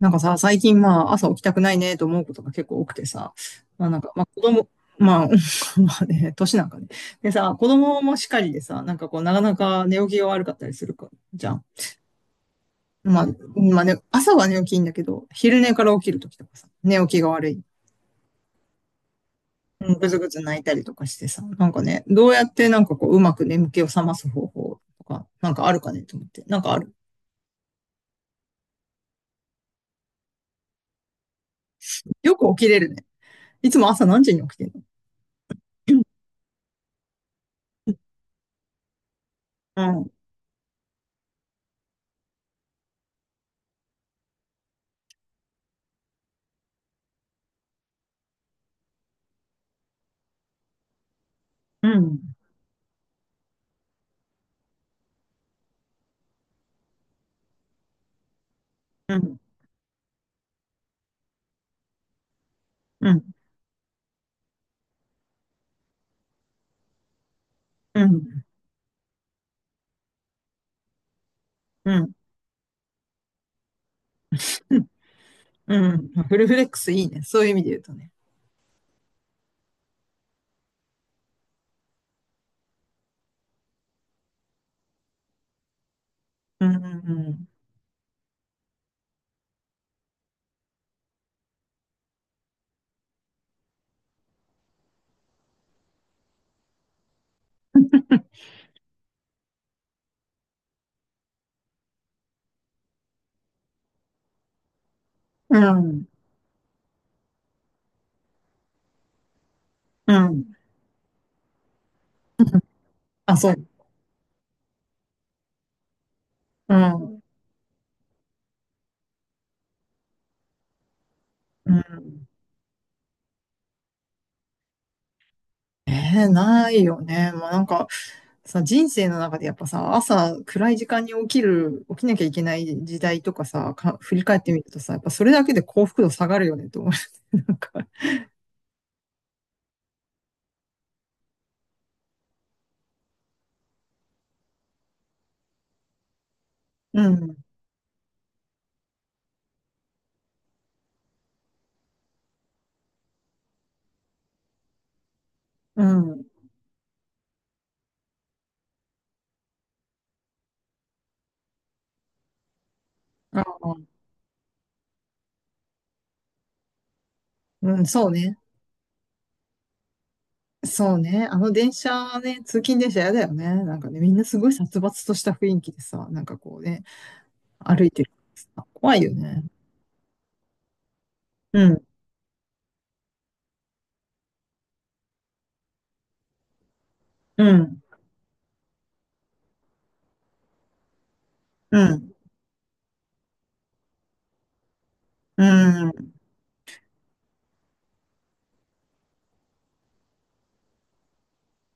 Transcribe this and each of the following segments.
なんかさ、最近まあ朝起きたくないねと思うことが結構多くてさ、まあなんか、まあ子供、まあ、まあね、年なんかね。でさ、子供もしかりでさ、なんかこうなかなか寝起きが悪かったりするか、じゃん。まあ、まあね、朝は寝起きいいんだけど、昼寝から起きるときとかさ、寝起きが悪い。うん、ぐずぐず泣いたりとかしてさ、なんかね、どうやってなんかこううまく眠気を覚ます方法とか、なんかあるかねと思って。なんかある。よく起きれるね。いつも朝何時に起きてんの？うん。うん。うん。うん。うん。うん。うん。うん、フルフレックスいいね。そういう意味で言うとね。うん。うん。うん。うん、あ、そう。うん。うん。ないよね。もうなんかさ、人生の中でやっぱさ、朝暗い時間に起きる、起きなきゃいけない時代とかさ、か、振り返ってみるとさ、やっぱそれだけで幸福度下がるよねと思う。なんか、うん。うん。ああ、うん、そうね。そうね。あの電車ね、通勤電車やだよね。なんかね、みんなすごい殺伐とした雰囲気でさ、なんかこうね、歩いてるからさ、怖いよね。うん、うん、うん、うん、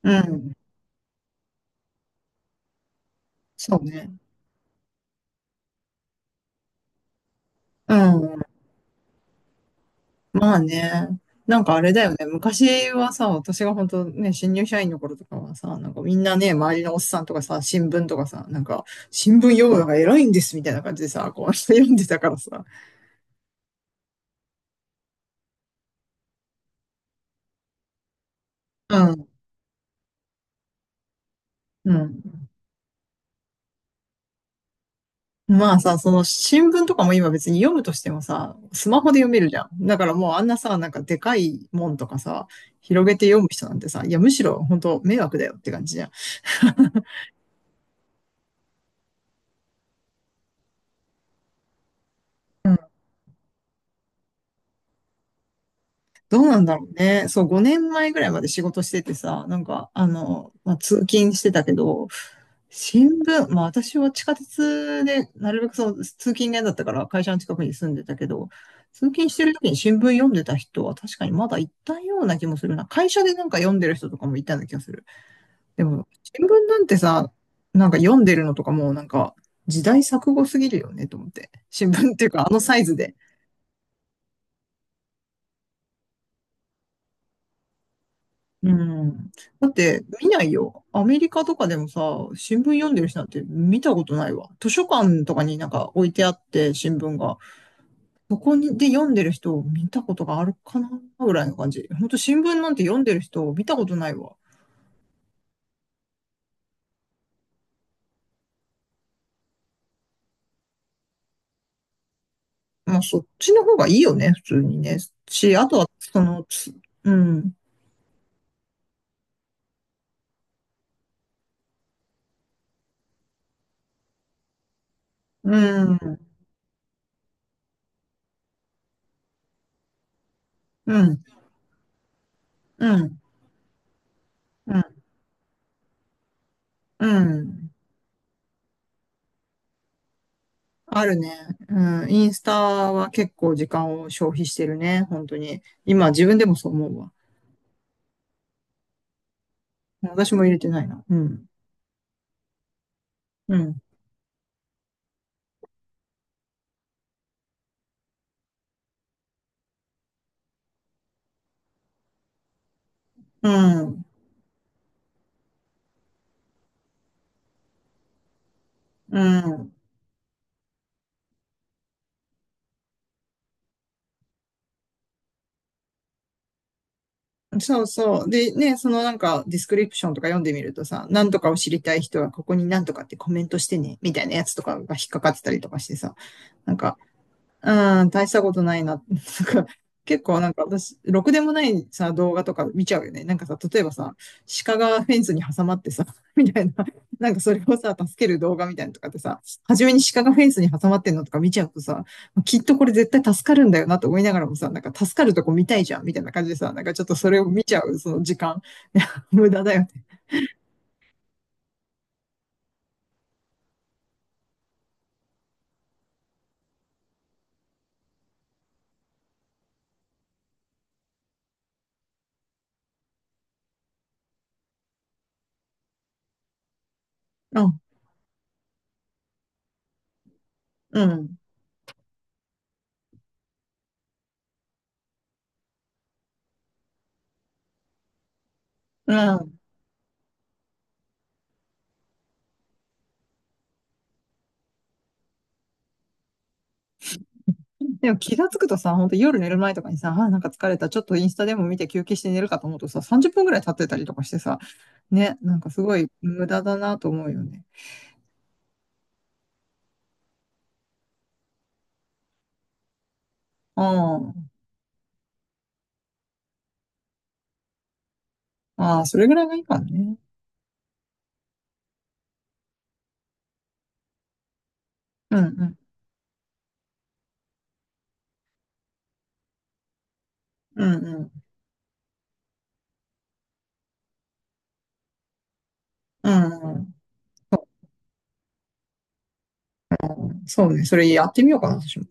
うん。そうね。うん。まあね。なんかあれだよね。昔はさ、私が本当ね、新入社員の頃とかはさ、なんかみんなね、周りのおっさんとかさ、新聞とかさ、なんか、新聞読むのが偉いんですみたいな感じでさ、こう、読んでたからさ。うん、うん。まあさ、その新聞とかも今別に読むとしてもさ、スマホで読めるじゃん。だからもうあんなさ、なんかでかいもんとかさ、広げて読む人なんてさ、いやむしろ本当迷惑だよって感じじゃん。うん、どうなんだろうね。そう、5年前ぐらいまで仕事しててさ、なんか、あの、まあ、通勤してたけど、新聞、まあ私は地下鉄で、なるべくその通勤が嫌だったから会社の近くに住んでたけど、通勤してる時に新聞読んでた人は確かにまだいたような気もするな。会社でなんか読んでる人とかもいたような気がする。でも、新聞なんてさ、なんか読んでるのとかもうなんか時代錯誤すぎるよねと思って。新聞っていうかあのサイズで。うん。だって、見ないよ。アメリカとかでもさ、新聞読んでる人なんて見たことないわ。図書館とかになんか置いてあって、新聞が。そこにで読んでる人を見たことがあるかなぐらいの感じ。ほんと新聞なんて読んでる人を見たことないわ。まあ、そっちの方がいいよね、普通にね。し、あとは、その、つうん、うん、うん、うん、うん、うん。あるね。うん。インスタは結構時間を消費してるね。本当に。今自分でもそう思うわ。私も入れてないな。うん。うん。うん。うん。そうそう。で、ね、そのなんかディスクリプションとか読んでみるとさ、なんとかを知りたい人はここになんとかってコメントしてね、みたいなやつとかが引っかかってたりとかしてさ、なんか、うん、大したことないな。なんか、結構なんか私、ろくでもないさ、動画とか見ちゃうよね。なんかさ、例えばさ、鹿がフェンスに挟まってさ、みたいな、なんかそれをさ、助ける動画みたいなのとかってさ、初めに鹿がフェンスに挟まってんのとか見ちゃうとさ、きっとこれ絶対助かるんだよなと思いながらもさ、なんか助かるとこ見たいじゃん、みたいな感じでさ、なんかちょっとそれを見ちゃう、その時間。無駄だよね。うん、うん、うん。でも気がつくとさ、本当夜寝る前とかにさ、あ、なんか疲れた、ちょっとインスタでも見て休憩して寝るかと思うとさ、30分ぐらい経ってたりとかしてさ、ね、なんかすごい無駄だなと思うよね。あー、あー、それぐらいがいいからね。うんうん。うんうん。うんうん。そうね。それやってみようかな、私も。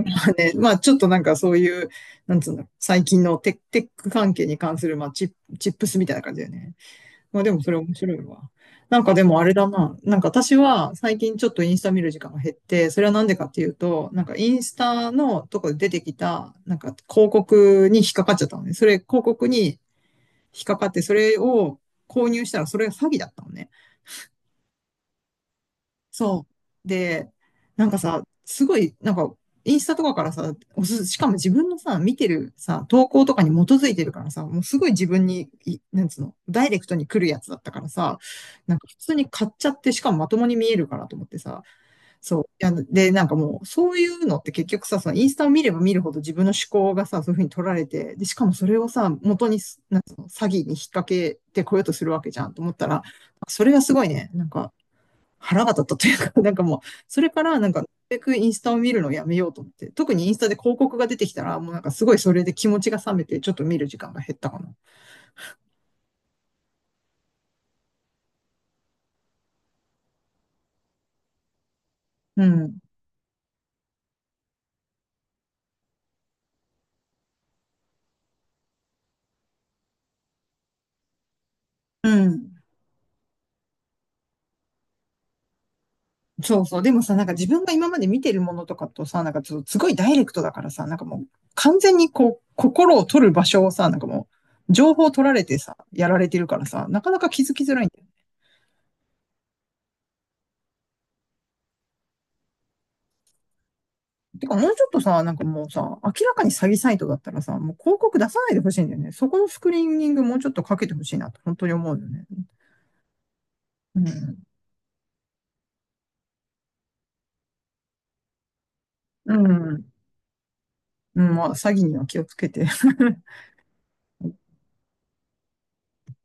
ね、まあ、ちょっとなんかそういう、なんつうんだろう、最近のテック、テック関係に関する、まあ、チップ、チップスみたいな感じだよね。まあでもそれ面白いわ。なんかでもあれだな。なんか私は最近ちょっとインスタ見る時間が減って、それはなんでかっていうと、なんかインスタのとこで出てきた、なんか広告に引っかかっちゃったのね。それ広告に引っかかって、それを購入したらそれが詐欺だったのね。そう。で、なんかさ、すごい、なんか、インスタとかからさ、おす、しかも自分のさ、見てるさ、投稿とかに基づいてるからさ、もうすごい自分に、い、なんつうの、ダイレクトに来るやつだったからさ、なんか普通に買っちゃって、しかもまともに見えるからと思ってさ、そう。いやで、なんかもう、そういうのって結局さ、そのインスタを見れば見るほど自分の思考がさ、そういうふうに取られて、で、しかもそれをさ、元にす、なんつうの、詐欺に引っ掛けてこようとするわけじゃんと思ったら、それがすごいね、なんか、腹が立ったというか、なんかもう、それからなんか、なるべくインスタを見るのをやめようと思って、特にインスタで広告が出てきたら、もうなんかすごいそれで気持ちが冷めて、ちょっと見る時間が減ったかな。うん。うん。そうそう。でもさ、なんか自分が今まで見てるものとかとさ、なんかちょっとすごいダイレクトだからさ、なんかもう完全にこう、心を取る場所をさ、なんかもう、情報を取られてさ、やられてるからさ、なかなか気づきづらいんだよね。てか、もうちょっとさ、なんかもうさ、明らかに詐欺サイトだったらさ、もう広告出さないでほしいんだよね。そこのスクリーニングもうちょっとかけてほしいなと、本当に思うよね。うん。うん。うん、まあ、詐欺には気をつけて。